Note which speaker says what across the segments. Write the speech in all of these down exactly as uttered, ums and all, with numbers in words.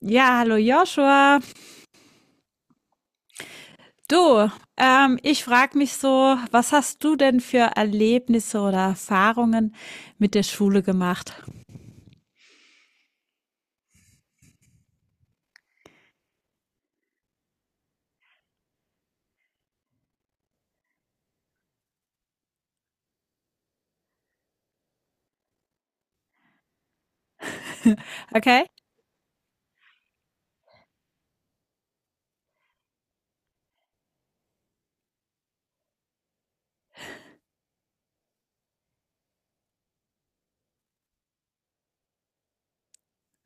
Speaker 1: Ja, hallo Joshua. Du, ähm, ich frage mich so, was hast du denn für Erlebnisse oder Erfahrungen mit der Schule gemacht? Okay?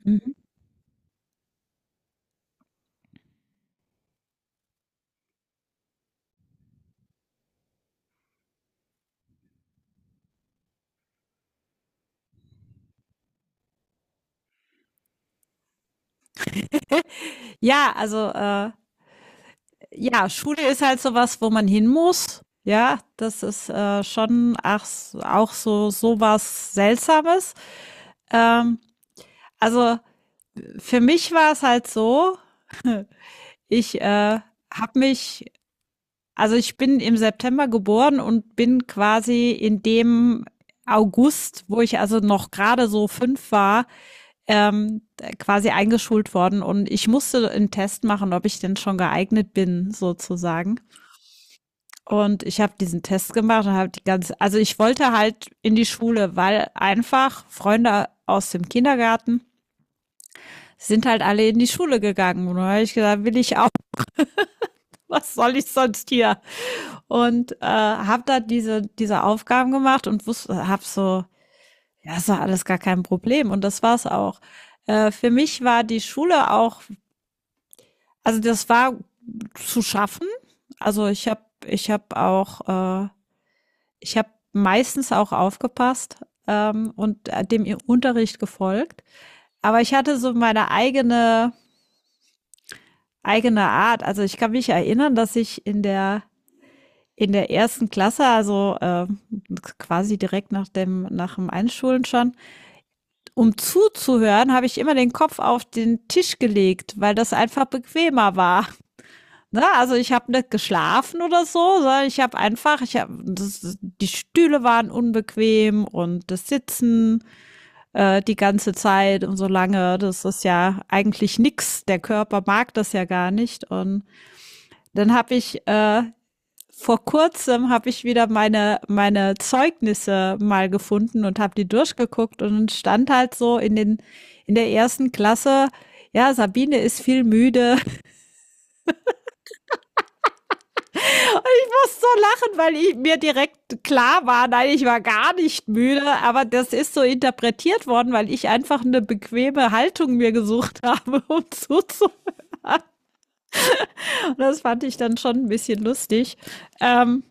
Speaker 1: Mhm. Ja, also äh, ja, Schule ist halt sowas, wo man hin muss. Ja, das ist äh, schon ach, auch so sowas Seltsames. Ähm, also für mich war es halt so, ich äh, habe mich Also ich bin im September geboren und bin quasi in dem August, wo ich also noch gerade so fünf war, ähm, quasi eingeschult worden und ich musste einen Test machen, ob ich denn schon geeignet bin, sozusagen. Und ich habe diesen Test gemacht und habe die ganze, also ich wollte halt in die Schule, weil einfach Freunde aus dem Kindergarten sind halt alle in die Schule gegangen. Und da habe ich gesagt, will ich auch, was soll ich sonst hier? Und äh, habe da diese, diese Aufgaben gemacht und wusste, habe so, ja, das war alles gar kein Problem und das war's auch. Äh, für mich war die Schule auch, also das war zu schaffen. Also ich habe, ich habe auch, äh, ich habe meistens auch aufgepasst, ähm, und äh, dem ihr Unterricht gefolgt. Aber ich hatte so meine eigene eigene Art. Also ich kann mich erinnern, dass ich in der in der ersten Klasse, also äh, quasi direkt nach dem, nach dem Einschulen schon, um zuzuhören, habe ich immer den Kopf auf den Tisch gelegt, weil das einfach bequemer war. Na, also ich habe nicht geschlafen oder so, sondern ich habe einfach, ich habe, das, die Stühle waren unbequem und das Sitzen äh, die ganze Zeit und so lange, das ist ja eigentlich nix. Der Körper mag das ja gar nicht. Und dann habe ich äh, vor kurzem habe ich wieder meine, meine Zeugnisse mal gefunden und habe die durchgeguckt und stand halt so in den, in der ersten Klasse, ja, Sabine ist viel müde. Ich muss so lachen, weil ich mir direkt klar war, nein, ich war gar nicht müde, aber das ist so interpretiert worden, weil ich einfach eine bequeme Haltung mir gesucht habe, um zuzuhören. Das fand ich dann schon ein bisschen lustig. Ähm,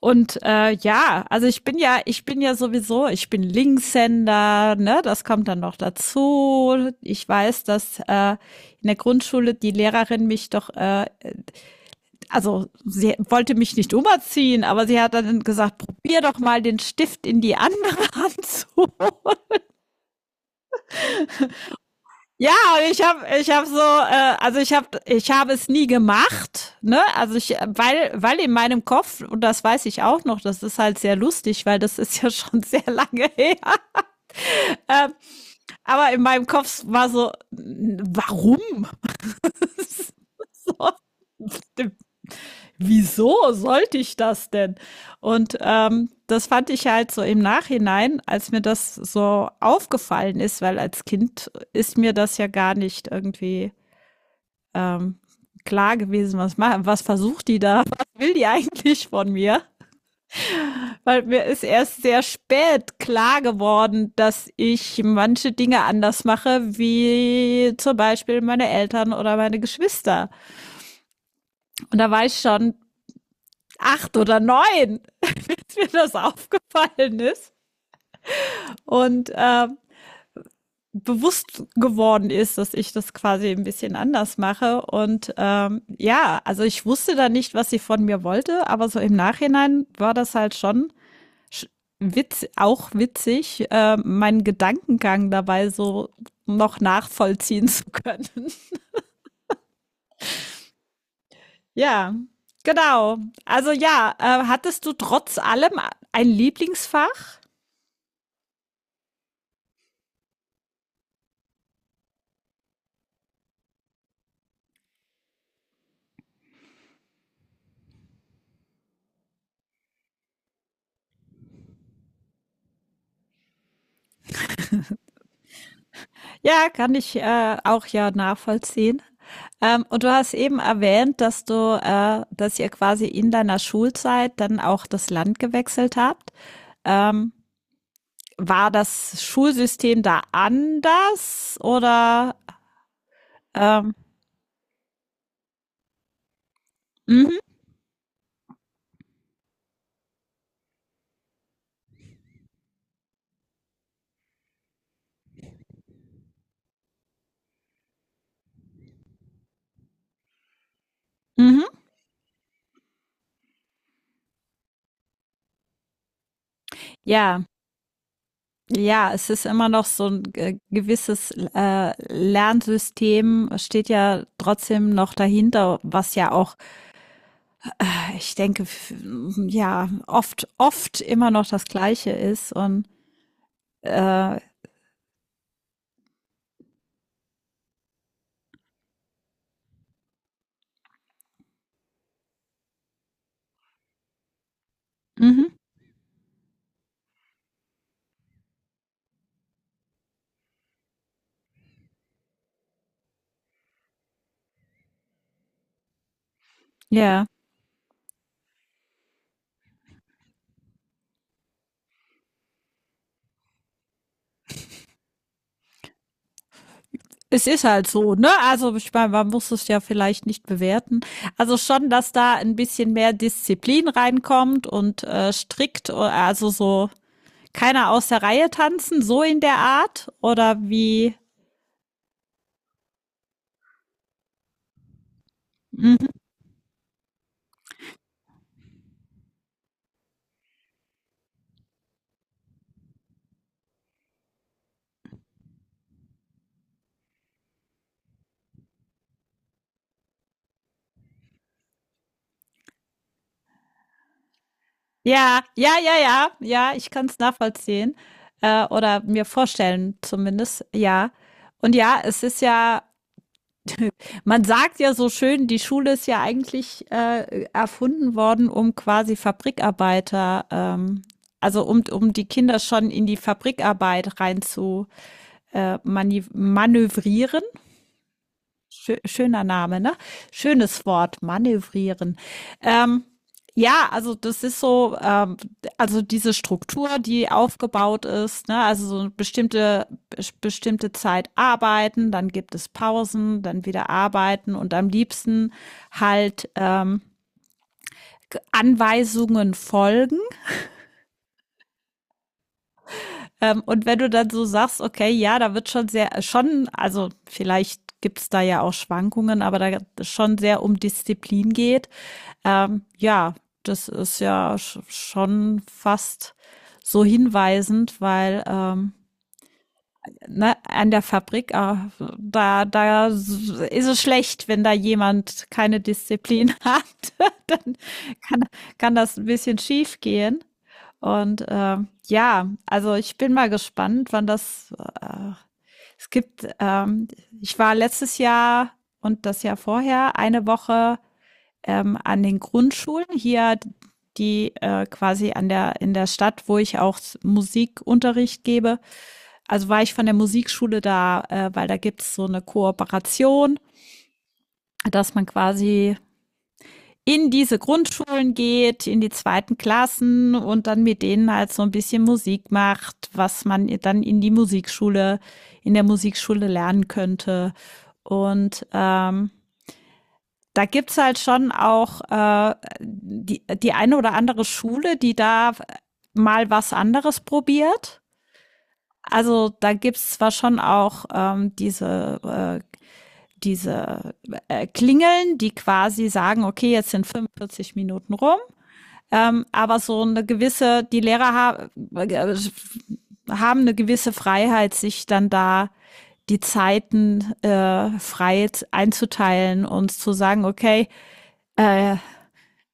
Speaker 1: Und äh, ja, also ich bin ja, ich bin ja sowieso, ich bin Linkshänder, ne, das kommt dann noch dazu. Ich weiß, dass äh, in der Grundschule die Lehrerin mich doch, äh, also sie wollte mich nicht umerziehen, aber sie hat dann gesagt, probier doch mal den Stift in die andere Hand zu. Ja, und ich habe ich habe so, äh, also ich habe ich habe es nie gemacht, ne? Also ich, weil, weil in meinem Kopf, und das weiß ich auch noch, das ist halt sehr lustig, weil das ist ja schon sehr lange her. Ähm, aber in meinem Kopf war so, warum? Wieso sollte ich das denn? Und ähm, das fand ich halt so im Nachhinein, als mir das so aufgefallen ist, weil als Kind ist mir das ja gar nicht irgendwie ähm, klar gewesen, was, ma- was versucht die da, was will die eigentlich von mir? Weil mir ist erst sehr spät klar geworden, dass ich manche Dinge anders mache, wie zum Beispiel meine Eltern oder meine Geschwister. Und da war ich schon acht oder neun, als mir das aufgefallen ist. Und äh, bewusst geworden ist, dass ich das quasi ein bisschen anders mache. Und ähm, ja, also ich wusste da nicht, was sie von mir wollte, aber so im Nachhinein war das halt schon witz, auch witzig, äh, meinen Gedankengang dabei so noch nachvollziehen zu können. Ja, genau. Also ja, äh, hattest du trotz allem ein Lieblingsfach? Ja, kann ich äh, auch ja nachvollziehen. Ähm, und du hast eben erwähnt, dass du, äh, dass ihr quasi in deiner Schulzeit dann auch das Land gewechselt habt. Ähm, War das Schulsystem da anders oder? Ähm, mhm, mhm. Ja, ja, es ist immer noch so ein äh, gewisses äh, Lernsystem, steht ja trotzdem noch dahinter, was ja auch, ich denke, f- ja, oft, oft immer noch das Gleiche ist. Und äh, mhm, ja, es ist halt so, ne? Also ich meine, man muss es ja vielleicht nicht bewerten. Also schon, dass da ein bisschen mehr Disziplin reinkommt und äh, strikt, o- also so keiner aus der Reihe tanzen, so in der Art oder wie? Mhm. Ja, ja, ja, ja, ja, ich kann es nachvollziehen äh, oder mir vorstellen zumindest, ja. Und ja, es ist ja, man sagt ja so schön, die Schule ist ja eigentlich äh, erfunden worden, um quasi Fabrikarbeiter, ähm, also um, um die Kinder schon in die Fabrikarbeit rein zu äh, mani- manövrieren. Schö schöner Name, ne? Schönes Wort, manövrieren. Ähm, ja, also das ist so, ähm, also diese Struktur, die aufgebaut ist, ne, also so eine bestimmte, bes- bestimmte Zeit arbeiten, dann gibt es Pausen, dann wieder arbeiten und am liebsten halt ähm, Anweisungen folgen. Ähm, und wenn du dann so sagst, okay, ja, da wird schon sehr, schon, also vielleicht gibt's da ja auch Schwankungen, aber da schon sehr um Disziplin geht. Ähm, ja, das ist ja sch schon fast so hinweisend, weil ähm, ne, an der Fabrik, äh, da, da s- ist es schlecht, wenn da jemand keine Disziplin hat. Dann kann, kann das ein bisschen schief gehen. Und ähm, ja, also ich bin mal gespannt, wann das. Äh, es gibt, ähm, ich war letztes Jahr und das Jahr vorher eine Woche ähm, an den Grundschulen hier, die äh, quasi an der in der Stadt, wo ich auch Musikunterricht gebe. Also war ich von der Musikschule da, äh, weil da gibt es so eine Kooperation, dass man quasi in diese Grundschulen geht, in die zweiten Klassen und dann mit denen halt so ein bisschen Musik macht, was man dann in die Musikschule, in der Musikschule lernen könnte. Und ähm, da gibt's halt schon auch äh, die, die eine oder andere Schule, die da mal was anderes probiert. Also da gibt's zwar schon auch ähm, diese, äh, diese äh, Klingeln, die quasi sagen, okay, jetzt sind fünfundvierzig Minuten rum, ähm, aber so eine gewisse, die Lehrer ha äh, haben eine gewisse Freiheit, sich dann da die Zeiten äh, frei einzuteilen und zu sagen, okay, äh,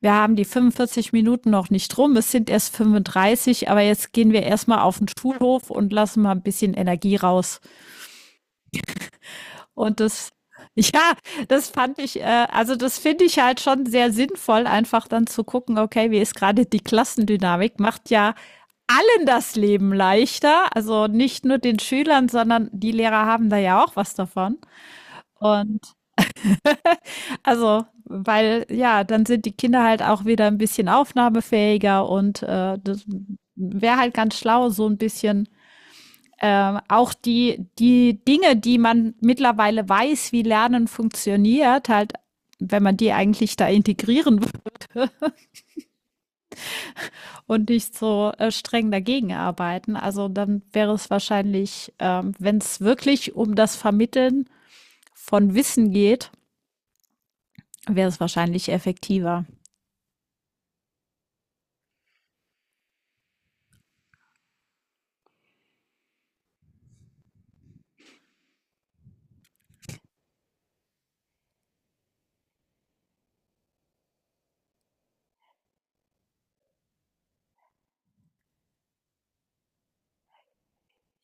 Speaker 1: wir haben die fünfundvierzig Minuten noch nicht rum, es sind erst fünfunddreißig, aber jetzt gehen wir erstmal auf den Schulhof und lassen mal ein bisschen Energie raus. Und das, ja, das fand ich, äh, also das finde ich halt schon sehr sinnvoll, einfach dann zu gucken, okay, wie ist gerade die Klassendynamik, macht ja allen das Leben leichter, also nicht nur den Schülern, sondern die Lehrer haben da ja auch was davon. Und also, weil ja, dann sind die Kinder halt auch wieder ein bisschen aufnahmefähiger und, äh, das wäre halt ganz schlau, so ein bisschen, ähm, auch die die Dinge, die man mittlerweile weiß, wie Lernen funktioniert, halt wenn man die eigentlich da integrieren würde und nicht so, äh, streng dagegen arbeiten. Also, dann wäre es wahrscheinlich, äh, wenn es wirklich um das Vermitteln von Wissen geht, wäre es wahrscheinlich effektiver.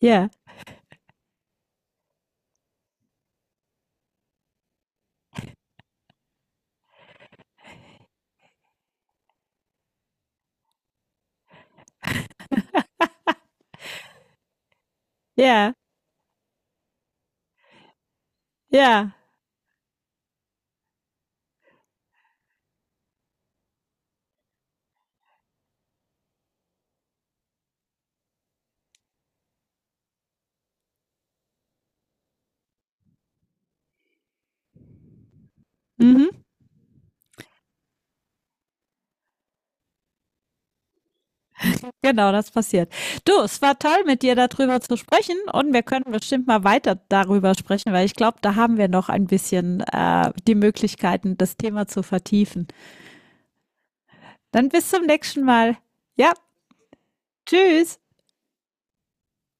Speaker 1: Ja, ja, ja. Mhm, genau, das passiert. Du, es war toll, mit dir darüber zu sprechen und wir können bestimmt mal weiter darüber sprechen, weil ich glaube, da haben wir noch ein bisschen äh, die Möglichkeiten, das Thema zu vertiefen. Dann bis zum nächsten Mal. Ja, tschüss.